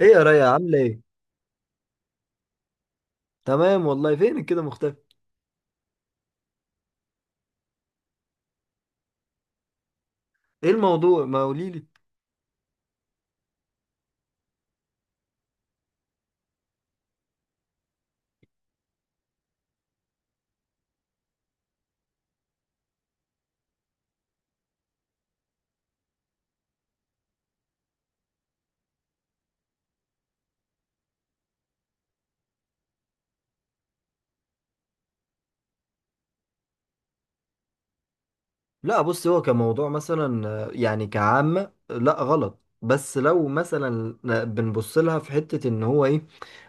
ايه يا ريا، عامله ايه؟ تمام والله. فينك كده مختفي؟ ايه الموضوع؟ ما قوليلي. لا بص، هو كموضوع مثلا يعني كعامة لا غلط. بس لو مثلا بنبص لها في حتة ان هو ايه،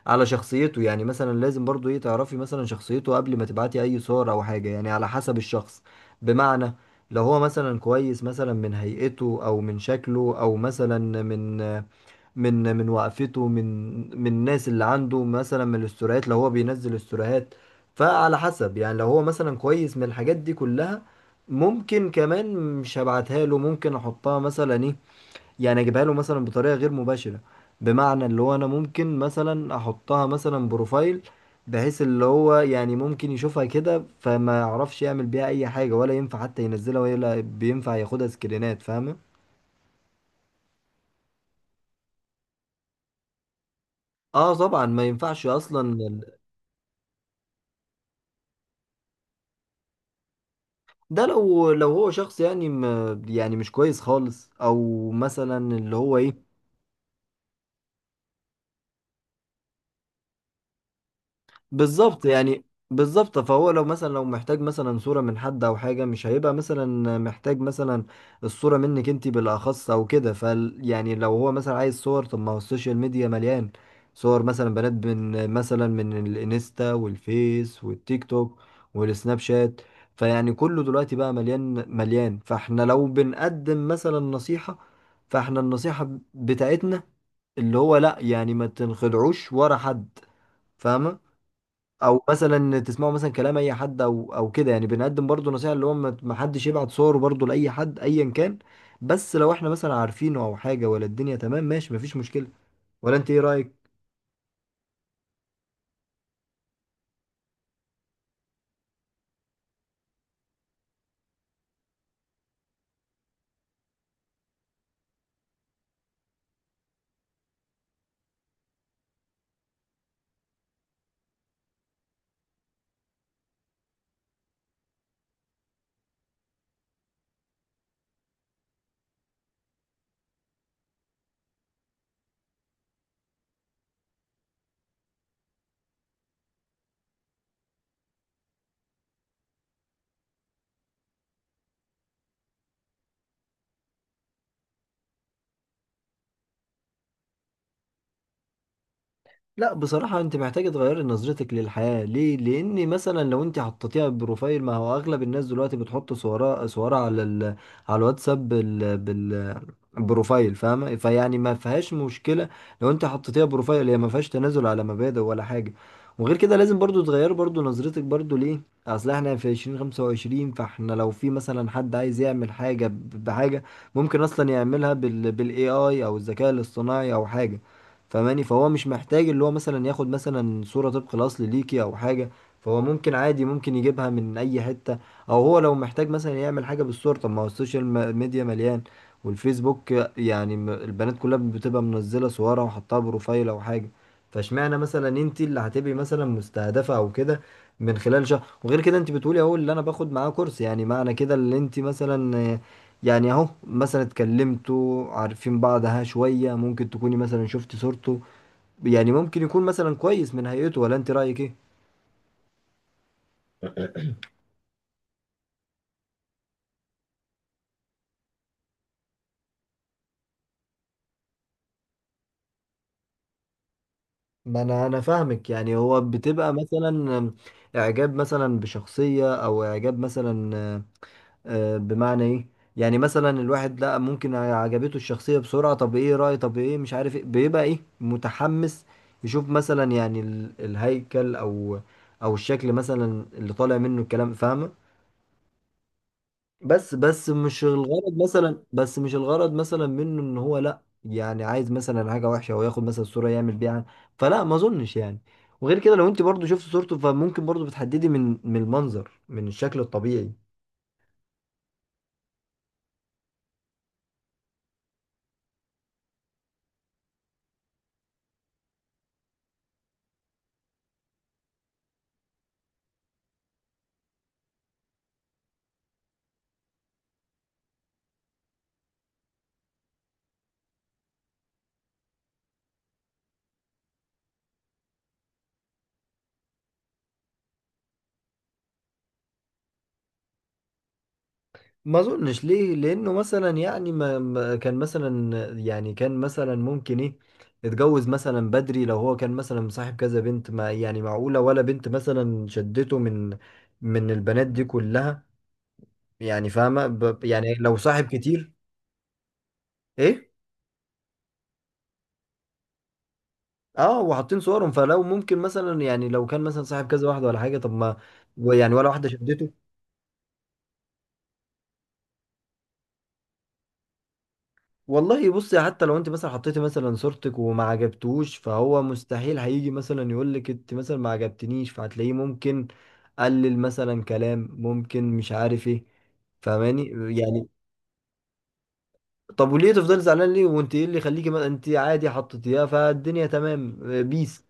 على شخصيته. يعني مثلا لازم برضو ايه، تعرفي مثلا شخصيته قبل ما تبعتي اي صور او حاجة، يعني على حسب الشخص. بمعنى، لو هو مثلا كويس مثلا من هيئته، او من شكله، او مثلا من من وقفته، من الناس اللي عنده، مثلا من الاستوريات لو هو بينزل استوريات. فعلى حسب يعني، لو هو مثلا كويس من الحاجات دي كلها، ممكن كمان، مش هبعتها له. ممكن احطها مثلا ايه، يعني اجيبها له مثلا بطريقة غير مباشرة. بمعنى اللي هو انا ممكن مثلا احطها مثلا بروفايل، بحيث اللي هو يعني ممكن يشوفها كده، فما يعرفش يعمل بيها اي حاجة، ولا ينفع حتى ينزلها، ولا بينفع ياخدها سكرينات. فاهمة؟ اه طبعا، ما ينفعش اصلا. ده لو هو شخص يعني م يعني مش كويس خالص، او مثلا اللي هو ايه. بالظبط يعني. بالظبط، فهو لو مثلا، لو محتاج مثلا صورة من حد او حاجة، مش هيبقى مثلا محتاج مثلا الصورة منك انت بالاخص او كده. يعني لو هو مثلا عايز صور، طب ما هو السوشيال ميديا مليان صور مثلا بنات، من الانستا والفيس والتيك توك والسناب شات. فيعني كله دلوقتي بقى مليان مليان. فاحنا لو بنقدم مثلا نصيحة، فاحنا النصيحة بتاعتنا اللي هو لا، يعني ما تنخدعوش ورا حد. فاهمة؟ او مثلا تسمعوا مثلا كلام اي حد او كده. يعني بنقدم برضو نصيحة اللي هو ما حدش يبعت صوره برضو لاي حد ايا كان. بس لو احنا مثلا عارفينه او حاجة ولا الدنيا تمام، ماشي، مفيش مشكلة. ولا انت ايه رأيك؟ لا بصراحة، انت محتاجة تغيري نظرتك للحياة ليه؟ لان مثلا لو انت حطيتيها بروفايل، ما هو اغلب الناس دلوقتي بتحط صورها على الواتساب بروفايل. فاهمة؟ فيعني ما فيهاش مشكلة. لو انت حطيتيها بروفايل، هي ما فيهاش تنازل على مبادئ ولا حاجة. وغير كده، لازم برضو تغير برضو نظرتك برضو ليه؟ اصل احنا في 2025، فاحنا لو في مثلا حد عايز يعمل حاجة بحاجة، ممكن اصلا يعملها بالاي اي، او الذكاء الاصطناعي، او حاجة. فماني، فهو مش محتاج اللي هو مثلا ياخد مثلا صورة طبق الأصل ليكي أو حاجة. فهو ممكن عادي، ممكن يجيبها من أي حتة. أو هو لو محتاج مثلا يعمل حاجة بالصورة، طب ما هو السوشيال ميديا مليان، والفيسبوك. يعني، البنات كلها بتبقى منزلة صورها وحطها بروفايل أو حاجة. فاشمعنى مثلا انت اللي هتبقي مثلا مستهدفة أو كده؟ من خلال شهر. وغير كده، انت بتقولي اهو اللي انا باخد معاه كورس، يعني معنى كده اللي انت مثلا، يعني اهو مثلا اتكلمتوا عارفين بعض ها شوية، ممكن تكوني مثلا شفت صورته. يعني ممكن يكون مثلا كويس من هيئته. ولا انت رأيك ايه؟ ما انا فاهمك. يعني هو بتبقى مثلا اعجاب مثلا بشخصية، او اعجاب مثلا بمعنى ايه؟ يعني مثلا الواحد، لا ممكن عجبته الشخصية بسرعة. طب ايه رأي، طب ايه، مش عارف ايه، بيبقى ايه، متحمس يشوف مثلا. يعني الهيكل او الشكل مثلا اللي طالع منه الكلام. فاهمة؟ بس مش الغرض مثلا منه ان هو لا، يعني عايز مثلا حاجه وحشه او ياخد مثلا صوره يعمل بيها. فلا، ما اظنش يعني. وغير كده، لو انت برضو شفت صورته، فممكن برضو بتحددي من المنظر، من الشكل الطبيعي. ما اظنش ليه؟ لانه مثلا يعني كان مثلا، يعني كان مثلا ممكن ايه، اتجوز مثلا بدري. لو هو كان مثلا مصاحب كذا بنت، ما يعني معقوله ولا بنت مثلا شدته من البنات دي كلها؟ يعني فاهمه؟ يعني لو صاحب كتير. ايه. اه وحاطين صورهم، فلو ممكن مثلا، يعني لو كان مثلا صاحب كذا واحده ولا حاجه، طب ما يعني ولا واحده شدته. والله بصي، حتى لو انت مثلا حطيتي مثلا صورتك وما عجبتوش، فهو مستحيل هيجي مثلا يقول لك انت مثلا ما عجبتنيش. فهتلاقيه ممكن قلل مثلا كلام، ممكن مش عارف ايه. فاهماني؟ يعني، طب وليه تفضلي زعلان ليه؟ وانت ايه اللي يخليكي انت عادي حطيتيها، فالدنيا تمام. بيس.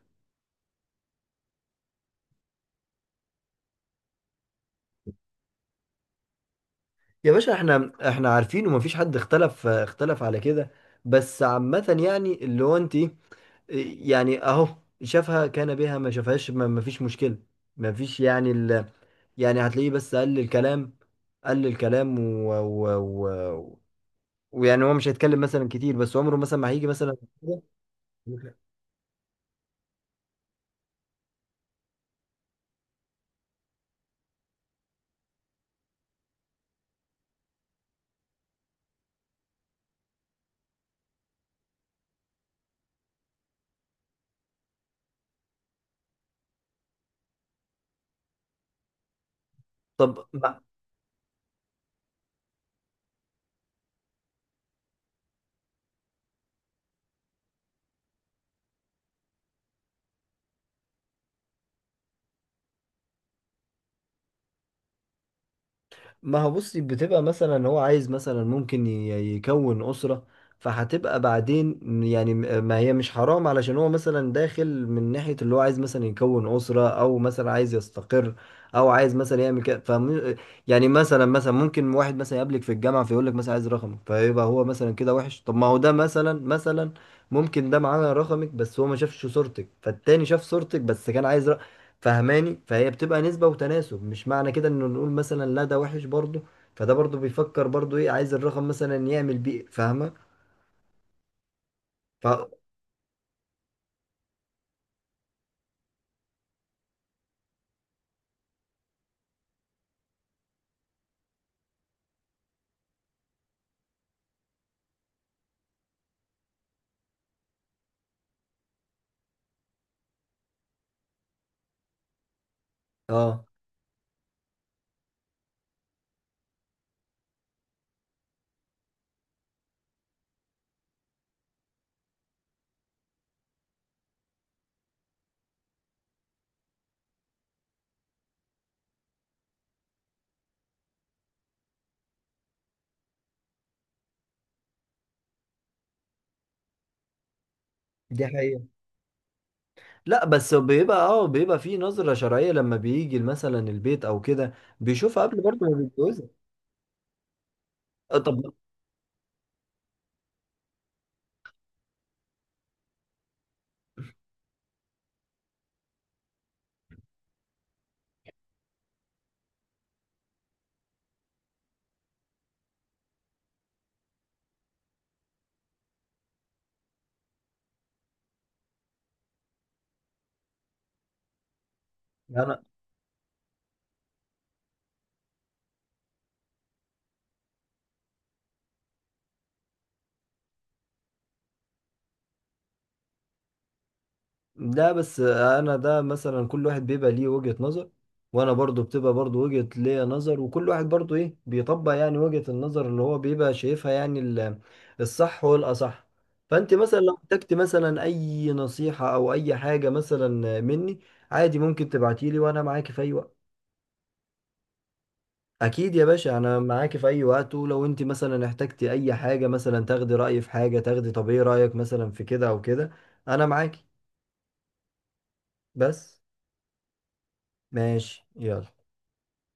يا باشا، احنا عارفين، ومفيش حد اختلف على كده. بس عامة يعني اللي هو انت، يعني اهو، شافها كان بها، ما شافهاش، مفيش مشكلة. مفيش يعني يعني هتلاقيه بس قل الكلام، قل الكلام و... ويعني هو مش هيتكلم مثلا كتير، بس عمره مثلا ما هيجي مثلا. طب ما هو بصي، بتبقى مثلا هو عايز مثلا ممكن يكون أسرة. فهتبقى بعدين يعني ما هي مش حرام، علشان هو مثلا داخل من ناحية اللي هو عايز مثلا يكون أسرة، أو مثلا عايز يستقر، أو عايز مثلا يعمل كده يعني مثلا ممكن واحد مثلا يقابلك في الجامعة، فيقول لك مثلا عايز رقمك، فيبقى هو مثلا كده وحش؟ طب ما هو ده مثلا ممكن ده معاه رقمك، بس هو ما شافش صورتك، فالتاني شاف صورتك بس كان عايز. فهماني؟ فهي بتبقى نسبة وتناسب، مش معنى كده انه نقول مثلا لا ده وحش برضه. فده برضه بيفكر برضه ايه، عايز الرقم مثلا يعمل بيه. فاهمة؟ ف اه، دي حقيقة. لا بس بيبقى بيبقى في نظرة شرعية لما بيجي مثلا البيت او كده. بيشوفها قبل برضه ما بيتجوزها. طب. انا لا بس انا، ده مثلا كل واحد بيبقى ليه وجهة نظر. وانا برضو بتبقى برضو وجهة ليا نظر. وكل واحد برضو ايه بيطبق يعني وجهة النظر اللي هو بيبقى شايفها، يعني الصح والاصح. فانت مثلا لو احتجت مثلا اي نصيحة، او اي حاجة مثلا مني، عادي ممكن تبعتيلي، وانا معاكي في اي وقت. اكيد يا باشا، انا معاكي في اي وقت. ولو انت مثلا احتجتي اي حاجة مثلا، تاخدي رأيي في حاجة، تاخدي طب ايه رأيك مثلا في كده او كده، انا معاكي. بس، ماشي يلا.